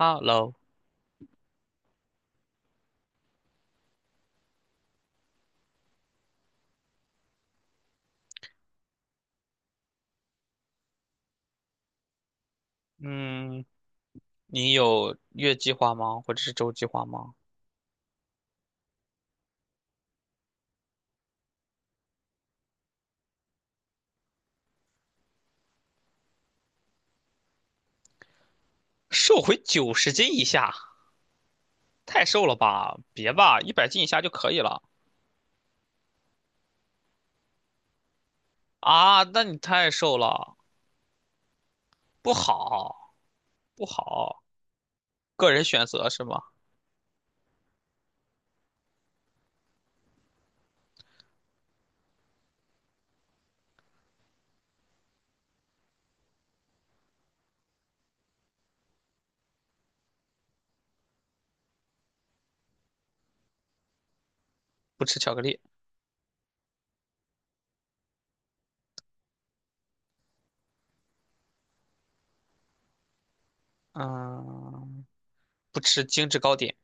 Hello,嗯，你有月计划吗？或者是周计划吗？瘦回90斤以下，太瘦了吧？别吧，100斤以下就可以了。啊？那你太瘦了，不好，不好。个人选择是吗？不吃巧克力。嗯，不吃精致糕点，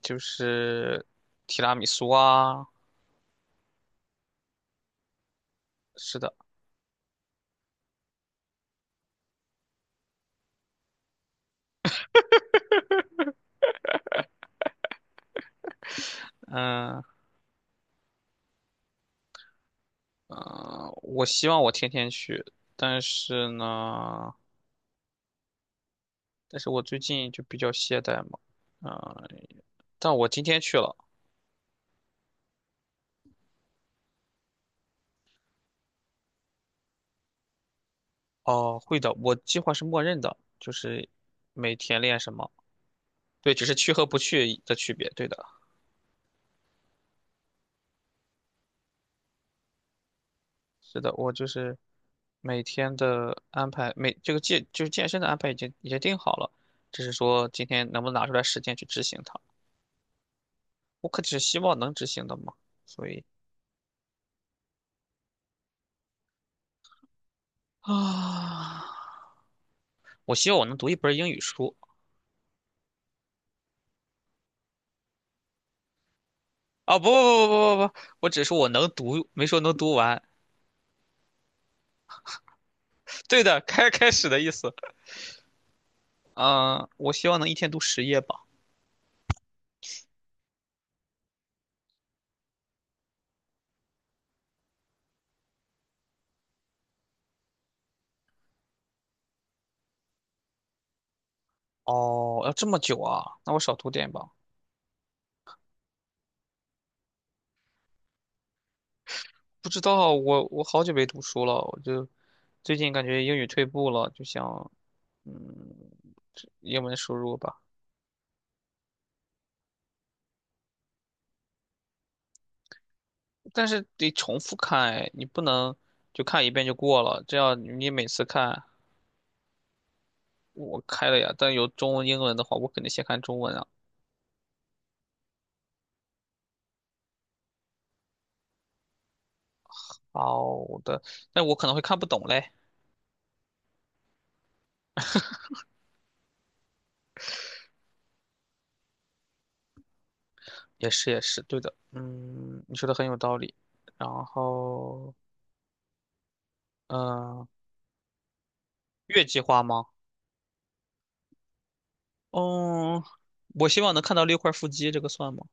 就是提拉米苏啊。是的。嗯嗯，我希望我天天去，但是呢，但是我最近就比较懈怠嘛。嗯，但我今天去了。哦，会的，我计划是默认的，就是每天练什么，对，只是去和不去的区别，对的。是的，我就是每天的安排，每这个健就是健身的安排已经定好了，只是说今天能不能拿出来时间去执行它，我可只是希望能执行的嘛，所以啊，我希望我能读一本英语书。啊、不不不不不不，我只说我能读，没说能读完。对的，开始的意思。嗯、我希望能一天读10页吧。哦，要这么久啊？那我少读点吧。不知道，我好久没读书了，我就最近感觉英语退步了，就想嗯，英文输入吧。但是得重复看，哎，你不能就看一遍就过了，这样你每次看我开了呀，但有中文、英文的话，我肯定先看中文啊。好的，但我可能会看不懂嘞。也是也是，对的。嗯，你说的很有道理。然后，嗯，月计划吗？嗯，我希望能看到六块腹肌，这个算吗？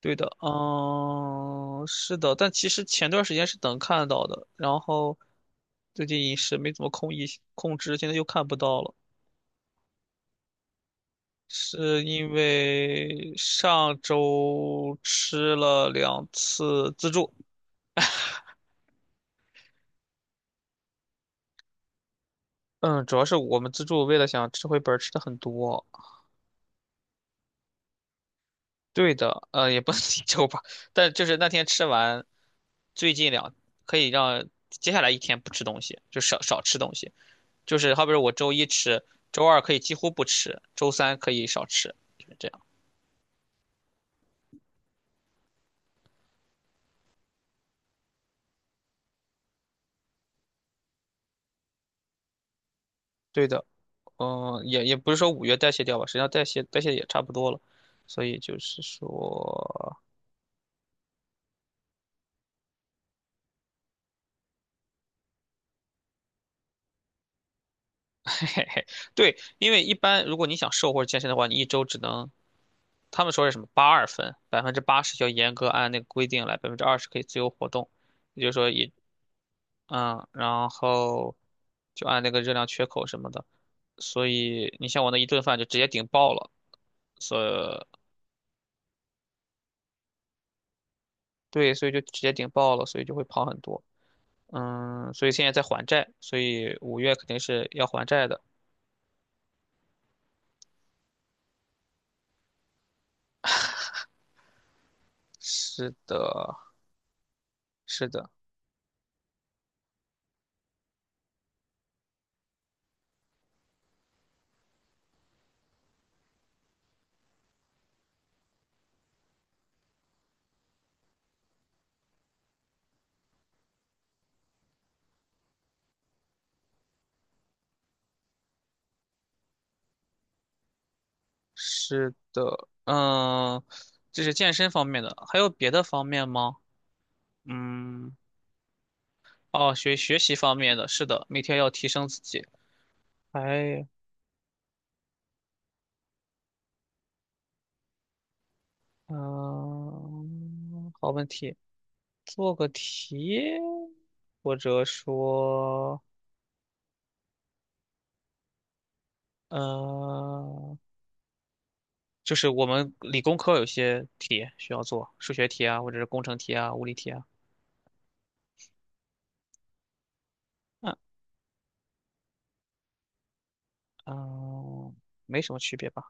对的。嗯，是的，但其实前段时间是能看到的，然后最近饮食没怎么控制，现在又看不到了，是因为上周吃了两次自助。嗯，主要是我们自助为了想吃回本儿吃的很多。对的，也不能 一周吧，但就是那天吃完，最近两可以让接下来一天不吃东西，就少少吃东西。就是好比说我周一吃，周二可以几乎不吃，周三可以少吃，就是这样。对的。嗯、也不是说五月代谢掉吧，实际上代谢代谢也差不多了，所以就是说，嘿嘿嘿，对，因为一般如果你想瘦或者健身的话，你一周只能他们说是什么八二分，80%要严格按那个规定来，20%可以自由活动，也就是说也然后就按那个热量缺口什么的，所以你像我那一顿饭就直接顶爆了，所以对，所以就直接顶爆了，所以就会跑很多。嗯，所以现在在还债，所以五月肯定是要还债的。是的，是的，是的。嗯，这是健身方面的，还有别的方面吗？嗯，哦，学习方面的，是的，每天要提升自己。哎，嗯，好问题。做个题，或者说，嗯。就是我们理工科有些题需要做，数学题啊，或者是工程题啊、物理题啊。嗯嗯，没什么区别吧？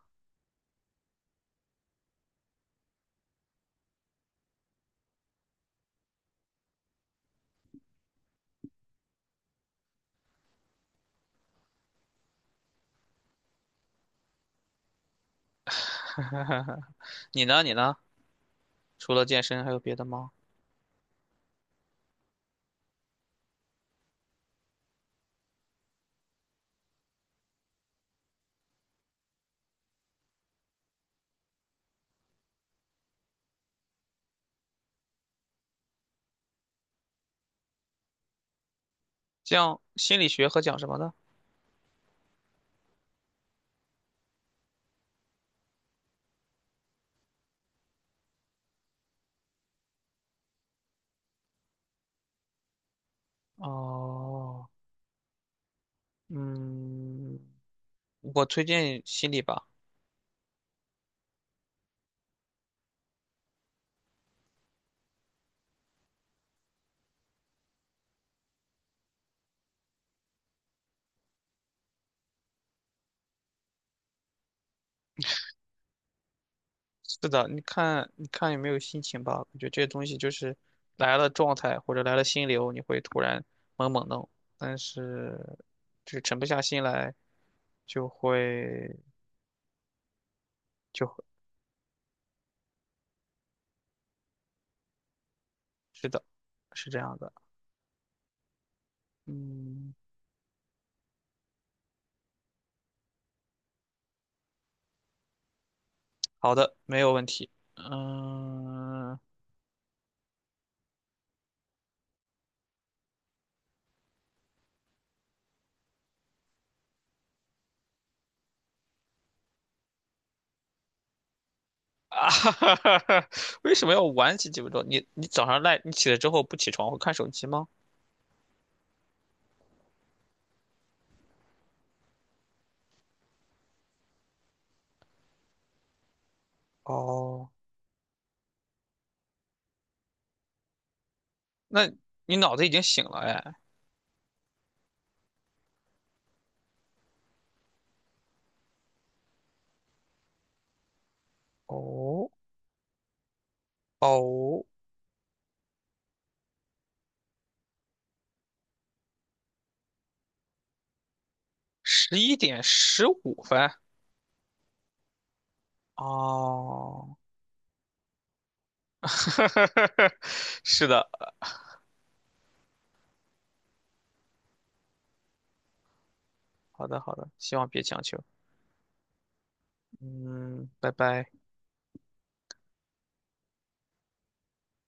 你呢？你呢？除了健身还有别的吗？像心理学和讲什么的？哦，嗯，我推荐心理吧。是的，你看有没有心情吧？我觉得这些东西就是来了状态或者来了心流，你会突然猛猛弄，但是就是沉不下心来，就会就会，是的，是这样的。嗯，好的，没有问题。嗯 啊，哈哈哈哈，为什么要晚起几分钟？你早上赖，你起来之后不起床会看手机吗？哦，那你脑子已经醒了哎。哦哦。11:15。哦，是的。好的好的，希望别强求。嗯，拜拜。